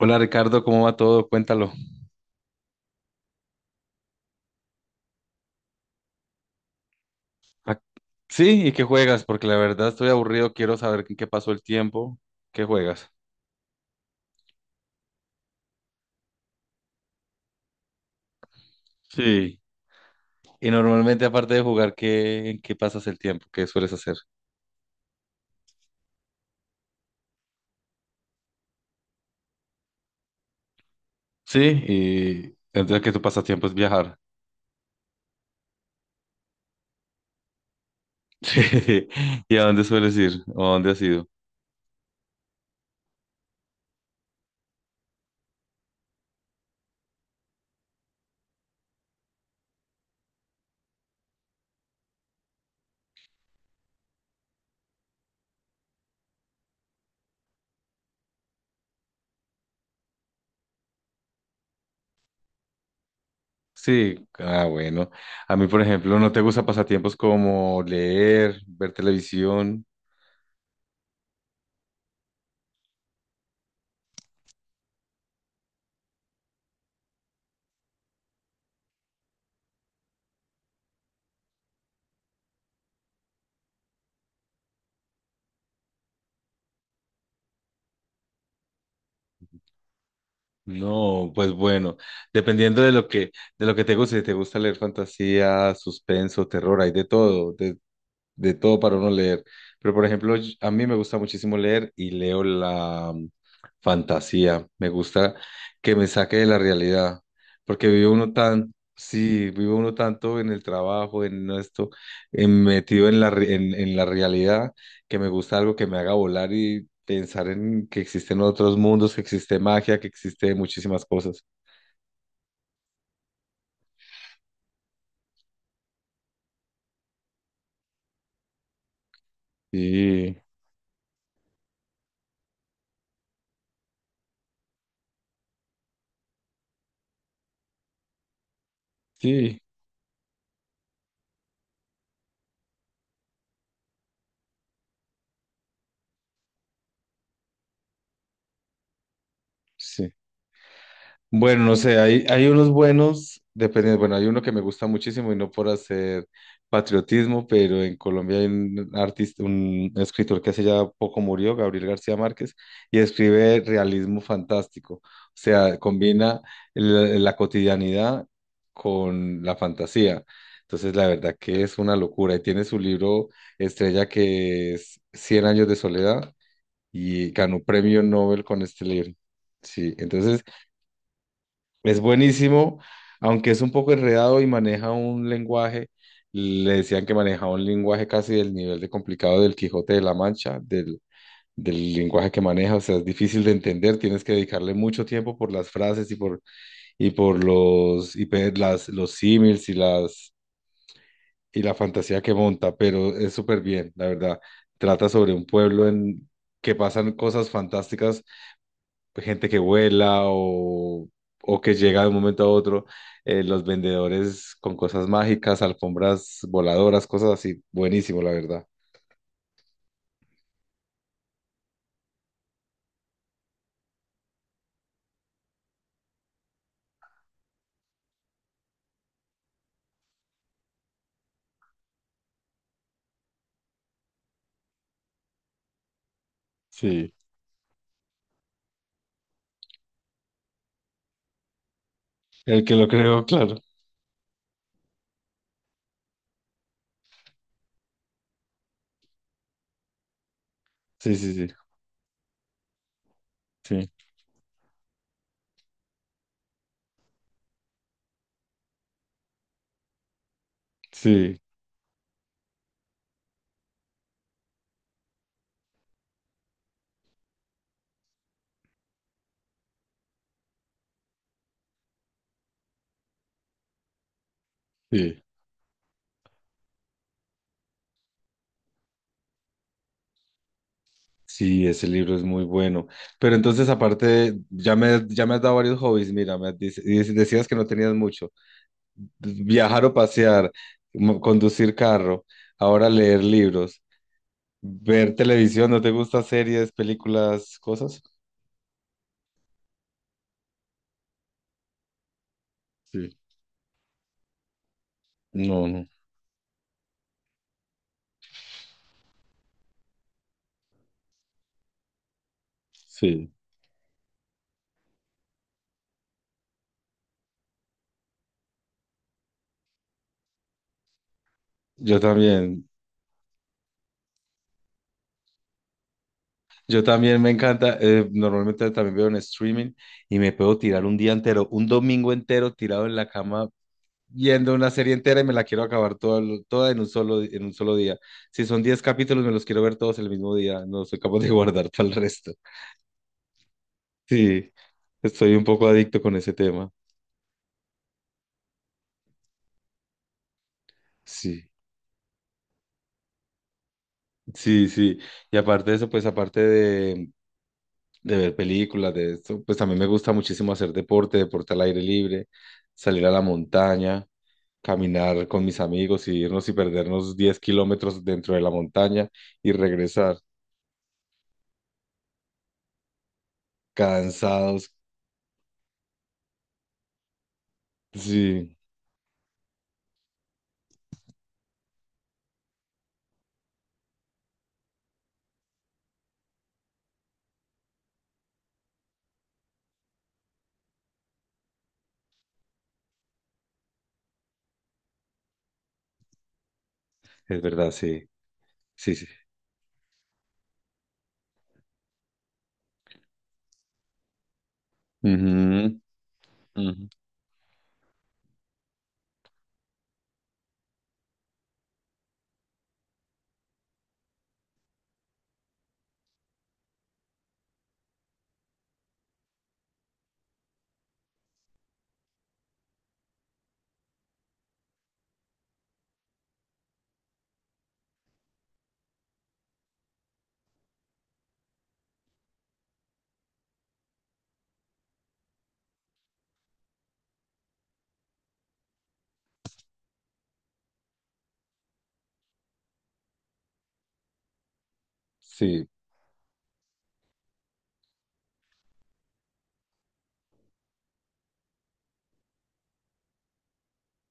Hola Ricardo, ¿cómo va todo? Cuéntalo. Ah, sí, ¿y qué juegas? Porque la verdad estoy aburrido, quiero saber en qué pasó el tiempo. ¿Qué juegas? Sí. Y normalmente aparte de jugar, ¿en qué pasas el tiempo? ¿Qué sueles hacer? Sí, y entonces que tu pasatiempo es viajar. Sí. ¿Y a dónde sueles ir? ¿O a dónde has ido? Sí, ah, bueno. A mí, por ejemplo, no te gusta pasatiempos como leer, ver televisión. No, pues bueno, dependiendo de de lo que te guste. Si te gusta leer fantasía, suspenso, terror, hay de todo, de todo para uno leer. Pero, por ejemplo, a mí me gusta muchísimo leer y leo la fantasía. Me gusta que me saque de la realidad, porque vive uno vive uno tanto en el trabajo, en esto, metido en en la realidad, que me gusta algo que me haga volar y pensar en que existen otros mundos, que existe magia, que existe muchísimas cosas. Sí, sí, sí. Bueno, no sé, hay unos buenos, dependiendo. Bueno, hay uno que me gusta muchísimo, y no por hacer patriotismo, pero en Colombia hay un artista, un escritor que hace ya poco murió, Gabriel García Márquez, y escribe realismo fantástico, o sea, combina la cotidianidad con la fantasía. Entonces, la verdad que es una locura. Y tiene su libro estrella que es Cien años de soledad, y ganó premio Nobel con este libro. Sí, entonces... Es buenísimo, aunque es un poco enredado y maneja un lenguaje, le decían que manejaba un lenguaje casi del nivel de complicado del Quijote de la Mancha, del lenguaje que maneja. O sea, es difícil de entender, tienes que dedicarle mucho tiempo por las frases y por los símiles y la fantasía que monta, pero es súper bien, la verdad. Trata sobre un pueblo en que pasan cosas fantásticas. Pues gente que vuela, o que llega de un momento a otro, los vendedores con cosas mágicas, alfombras voladoras, cosas así. Buenísimo, la verdad. Sí, el que lo creó, claro. Sí, sí, sí, sí, sí, sí. Sí, ese libro es muy bueno. Pero entonces, aparte, ya me has dado varios hobbies. Mira, me decías que no tenías mucho. Viajar o pasear, conducir carro, ahora leer libros. Ver televisión, ¿no te gusta series, películas, cosas? Sí. No, no. Sí. Yo también, yo también me encanta, normalmente también veo en streaming y me puedo tirar un día entero, un domingo entero tirado en la cama viendo una serie entera, y me la quiero acabar toda en en un solo día. Si son 10 capítulos, me los quiero ver todos el mismo día, no soy capaz de guardar todo el resto. Sí, estoy un poco adicto con ese tema. Sí, sí, sí. Y aparte de eso, pues aparte de ver películas, de esto. Pues también me gusta muchísimo hacer deporte, deporte al aire libre, salir a la montaña, caminar con mis amigos, y irnos y perdernos 10 kilómetros dentro de la montaña, y regresar cansados. Sí, es verdad, sí, sí, sí. Ujú, ujú. Sí,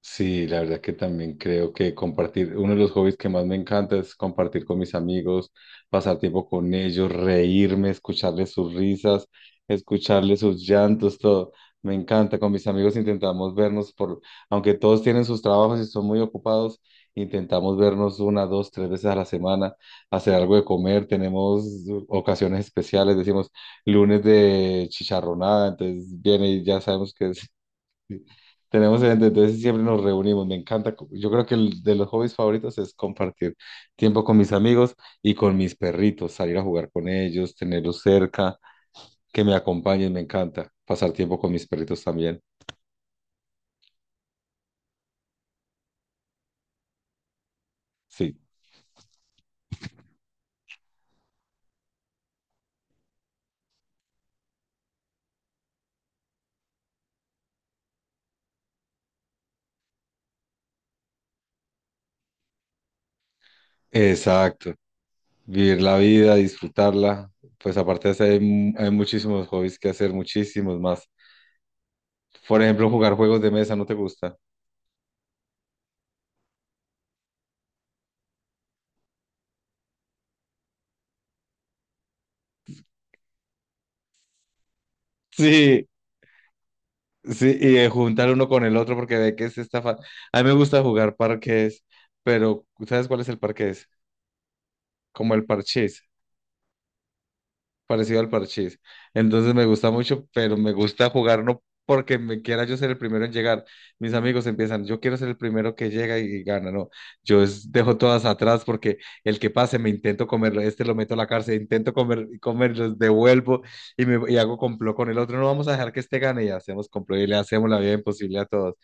sí, la verdad que también creo que compartir, uno de los hobbies que más me encanta es compartir con mis amigos, pasar tiempo con ellos, reírme, escucharles sus risas, escucharles sus llantos, todo. Me encanta. Con mis amigos intentamos aunque todos tienen sus trabajos y son muy ocupados, intentamos vernos 1, 2, 3 veces a la semana, hacer algo de comer. Tenemos ocasiones especiales, decimos lunes de chicharronada, entonces viene y ya sabemos que es. Sí. Tenemos gente, entonces siempre nos reunimos, me encanta. Yo creo que el de los hobbies favoritos es compartir tiempo con mis amigos y con mis perritos, salir a jugar con ellos, tenerlos cerca, que me acompañen, me encanta. Pasar tiempo con mis perritos también. Sí, exacto. Vivir la vida, disfrutarla. Pues aparte de eso, hay muchísimos hobbies que hacer, muchísimos más. Por ejemplo, jugar juegos de mesa, ¿no te gusta? Sí, sí, y juntar uno con el otro porque ve que es a mí me gusta jugar parques. Pero ¿sabes cuál es el parques? Como el parchís, parecido al parchís. Entonces me gusta mucho, pero me gusta jugar no porque me quiera yo ser el primero en llegar. Mis amigos empiezan, yo quiero ser el primero que llega y gana, no. Dejo todas atrás porque el que pase me intento comerlo, este lo meto a la cárcel, intento comer, los devuelvo y hago complot con el otro. No vamos a dejar que este gane, y hacemos complot y le hacemos la vida imposible a todos.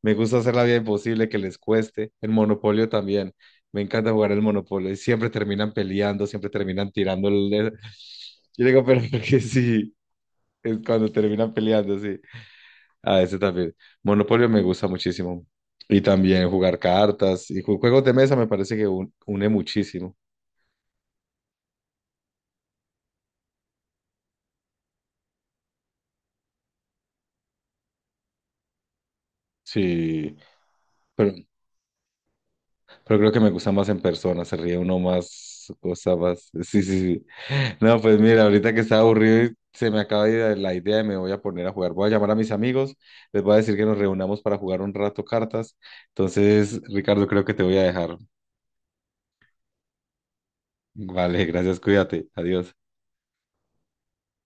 Me gusta hacer la vida imposible, que les cueste. El monopolio también. Me encanta jugar el Monopoly. Siempre terminan peleando, siempre terminan tirando yo digo, pero porque sí, es cuando terminan peleando, sí. Ah, ese también. Monopoly me gusta muchísimo. Y también jugar cartas, y juegos de mesa me parece que une muchísimo. Sí, pero Pero creo que me gusta más en persona, se ríe uno más, cosa más. Sí, sí, sí. No, pues mira, ahorita que estaba aburrido y se me acaba de ir la idea, y me voy a poner a jugar. Voy a llamar a mis amigos, les voy a decir que nos reunamos para jugar un rato cartas. Entonces, Ricardo, creo que te voy a dejar. Vale, gracias, cuídate. Adiós.